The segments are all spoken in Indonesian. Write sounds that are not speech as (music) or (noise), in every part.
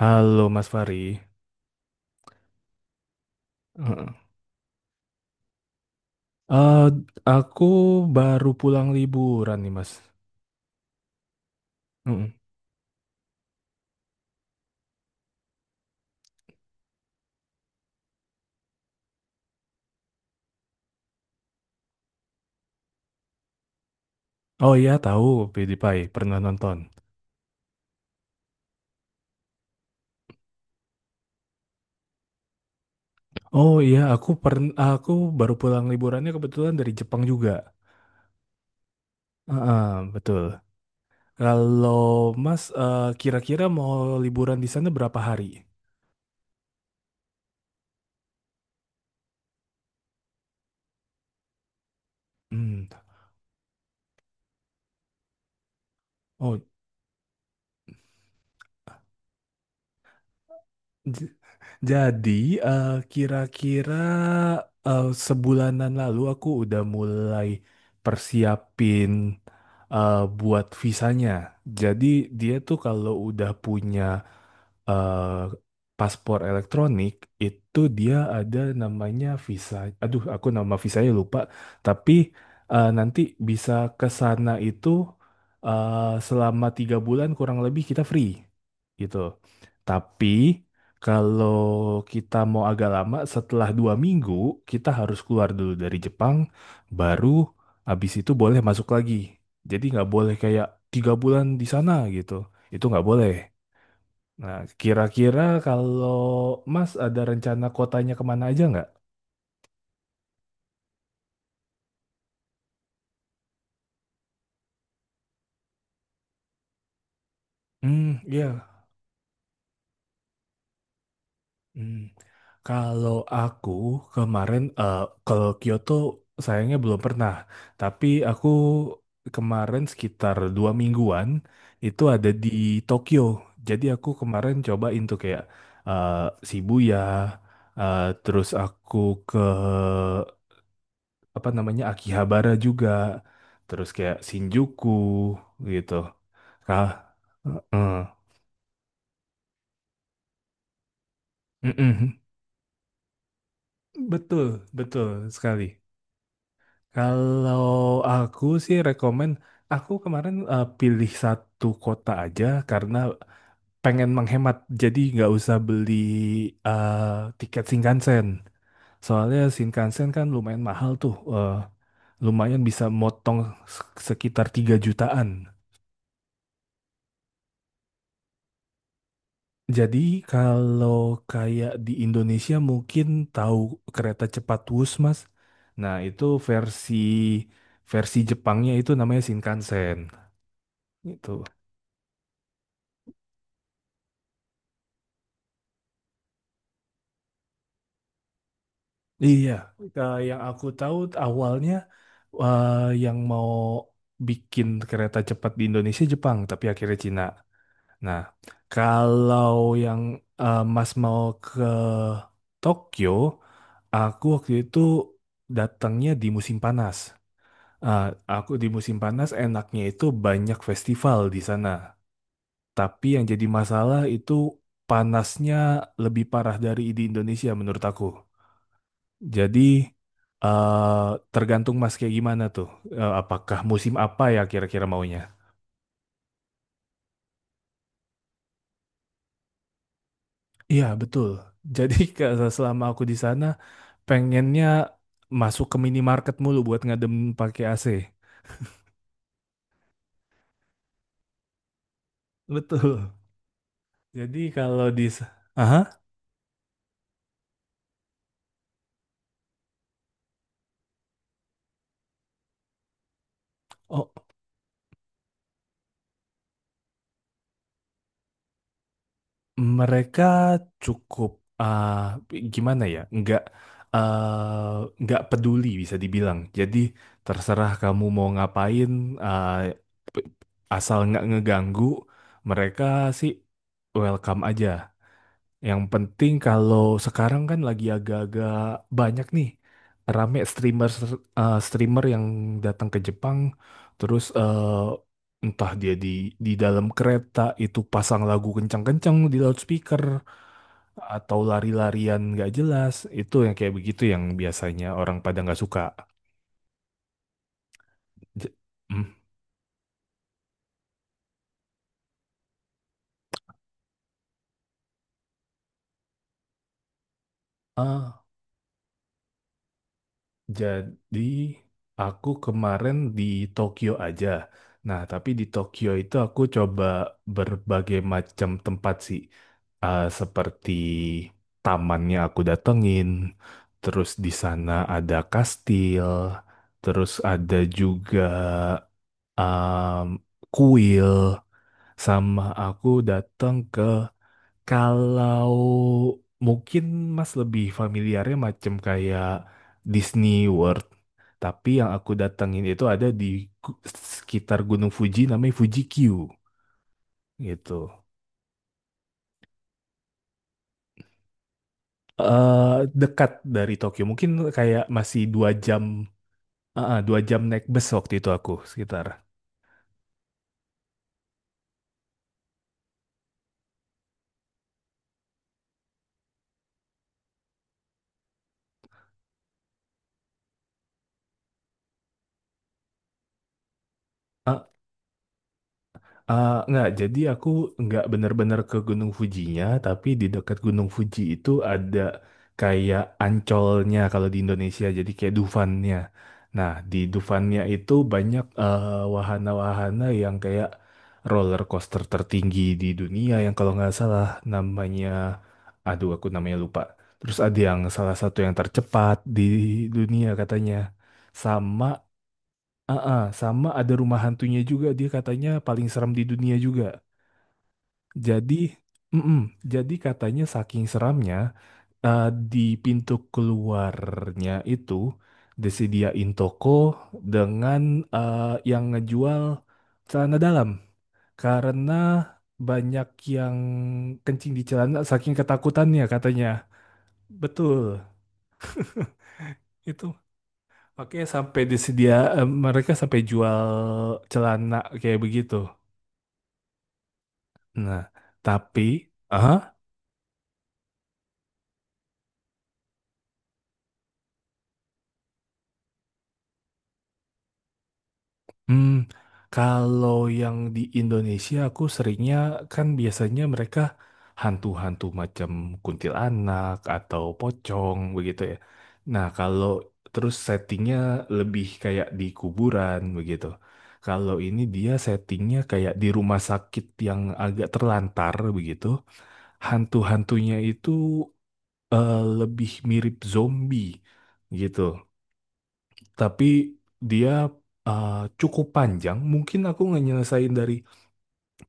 Halo Mas Fari. Heeh. Eh, aku baru pulang liburan nih Mas. Heeh. Oh iya tahu PewDiePie pernah nonton. Oh iya aku baru pulang liburannya kebetulan dari Jepang juga. Heeh, betul. Kalau Mas kira-kira mau liburan di sana berapa hari? Hmm. Oh. Jadi, eh, kira-kira sebulanan lalu aku udah mulai persiapin buat visanya. Jadi, dia tuh kalau udah punya eh paspor elektronik itu dia ada namanya visa. Aduh, aku nama visanya lupa. Tapi nanti bisa ke sana itu eh, selama 3 bulan kurang lebih kita free gitu. Tapi kalau kita mau agak lama, setelah 2 minggu kita harus keluar dulu dari Jepang, baru abis itu boleh masuk lagi. Jadi nggak boleh kayak 3 bulan di sana gitu. Itu nggak boleh. Nah, kira-kira kalau Mas ada rencana kotanya kemana aja nggak? Hmm, iya. Hmm. Kalau aku kemarin kalau Kyoto sayangnya belum pernah, tapi aku kemarin sekitar 2 mingguan itu ada di Tokyo. Jadi aku kemarin cobain tuh kayak eh, Shibuya, terus aku ke apa namanya Akihabara juga terus kayak Shinjuku gitu kah. Heeh. Mm-mm. Betul betul sekali. Kalau aku sih rekomen aku kemarin pilih satu kota aja karena pengen menghemat jadi nggak usah beli tiket Shinkansen soalnya Shinkansen kan lumayan mahal tuh lumayan bisa motong sekitar 3 jutaan. Jadi kalau kayak di Indonesia mungkin tahu kereta cepat Wus, Mas. Nah, itu versi versi Jepangnya itu namanya Shinkansen. Gitu. Iya, yang aku tahu awalnya eh, yang mau bikin kereta cepat di Indonesia Jepang, tapi akhirnya Cina. Nah, kalau yang Mas mau ke Tokyo, aku waktu itu datangnya di musim panas. Ah, aku di musim panas enaknya itu banyak festival di sana. Tapi yang jadi masalah itu panasnya lebih parah dari di Indonesia menurut aku. Jadi eh tergantung mas kayak gimana tuh. Apakah musim apa ya kira-kira maunya? Iya betul. Jadi (laughs) selama aku di sana pengennya masuk ke minimarket mulu buat ngadem pakai AC. Betul. Jadi kalau di. Aha. Oh, mereka cukup gimana ya? Nggak peduli bisa dibilang. Jadi terserah kamu mau ngapain, eh, p- asal nggak ngeganggu, mereka sih welcome aja. Yang penting kalau sekarang kan lagi agak-agak banyak nih rame streamer streamer yang datang ke Jepang, terus entah dia di dalam kereta itu pasang lagu kencang-kencang di loudspeaker atau lari-larian nggak jelas itu yang kayak begitu yang biasanya orang pada nggak suka J- Hmm. ah jadi aku kemarin di Tokyo aja, nah tapi di Tokyo itu aku coba berbagai macam tempat sih. Ah, seperti tamannya aku datengin terus di sana ada kastil terus ada juga em, kuil sama aku datang ke. Kalau mungkin Mas lebih familiarnya macam kayak Disney World, tapi yang aku datengin itu ada di gu- sekitar Gunung Fuji namanya Fuji Q gitu. eh Dekat dari Tokyo, mungkin kayak masih 2 jam. 2 jam naik bus waktu itu aku sekitar. Nggak, jadi aku nggak bener-bener ke Gunung Fujinya, tapi di dekat Gunung Fuji itu ada kayak ancolnya kalau di Indonesia, jadi kayak Dufannya. Nah, di Dufannya itu banyak wahana-wahana yang kayak roller coaster tertinggi di dunia yang kalau nggak salah namanya, aduh aku namanya lupa. Terus ada yang salah satu yang tercepat di dunia katanya. Sama. Heeh, sama ada rumah hantunya juga dia katanya paling seram di dunia juga. Jadi, mm-mm, jadi, katanya saking seramnya eh, di pintu keluarnya itu disediain toko dengan eh, yang ngejual celana dalam karena banyak yang kencing di celana saking ketakutannya katanya. Betul. (laughs) Itu makanya sampai disedia mereka sampai jual celana kayak begitu. Nah, tapi ah, hmm, kalau yang di Indonesia aku seringnya kan biasanya mereka hantu-hantu macam kuntilanak atau pocong begitu ya. Nah, kalau terus settingnya lebih kayak di kuburan begitu. Kalau ini dia settingnya kayak di rumah sakit yang agak terlantar begitu. Hantu-hantunya itu lebih mirip zombie gitu. Tapi dia uh, cukup panjang. Mungkin aku ngenyelesain dari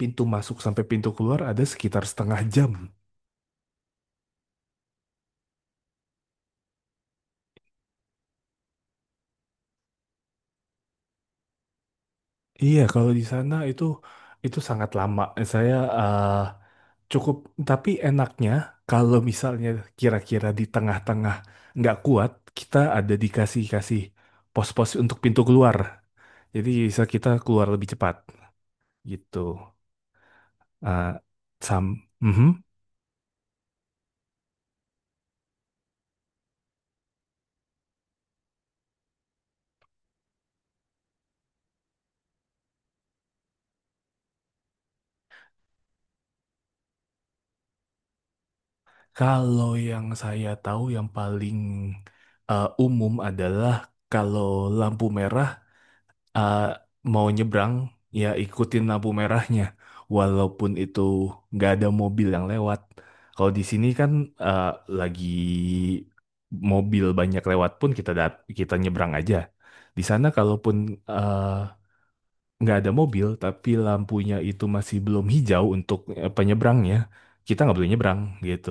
pintu masuk sampai pintu keluar ada sekitar setengah jam. Iya, kalau di sana itu sangat lama. Saya uh, cukup, tapi enaknya kalau misalnya kira-kira di tengah-tengah nggak kuat, kita ada dikasih pos-pos untuk pintu keluar. Jadi bisa kita keluar lebih cepat gitu. Uh, sam, Mhm. Kalau yang saya tahu yang paling umum adalah kalau lampu merah eh, mau nyebrang ya ikutin lampu merahnya walaupun itu nggak ada mobil yang lewat. Kalau di sini kan eh, lagi mobil banyak lewat pun kita nyebrang aja. Di sana kalaupun eh, nggak ada mobil tapi lampunya itu masih belum hijau untuk penyebrangnya, kita nggak boleh nyebrang gitu.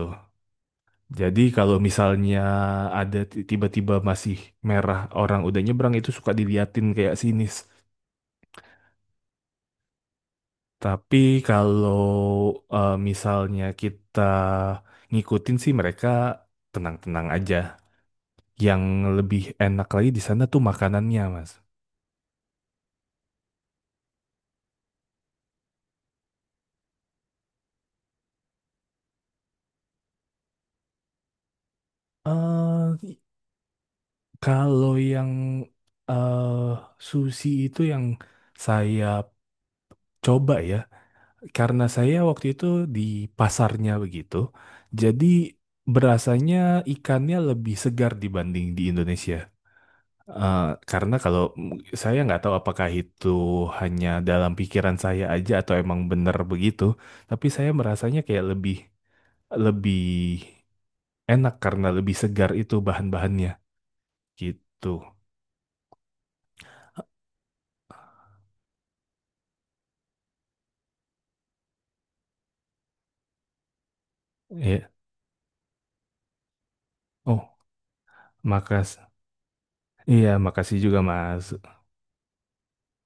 Jadi kalau misalnya ada tiba-tiba masih merah orang udah nyebrang itu suka diliatin kayak sinis. Tapi kalau misalnya kita ngikutin sih mereka tenang-tenang aja. Yang lebih enak lagi di sana tuh makanannya, Mas. eh Kalau yang eh sushi itu yang saya coba ya. Karena saya waktu itu di pasarnya begitu, jadi berasanya ikannya lebih segar dibanding di Indonesia. Eh, karena kalau saya nggak tahu apakah itu hanya dalam pikiran saya aja atau emang benar begitu, tapi saya merasanya kayak lebih lebih enak karena lebih segar itu bahan-bahannya gitu. Ya. Oh, makas. Iya, makasih juga Mas.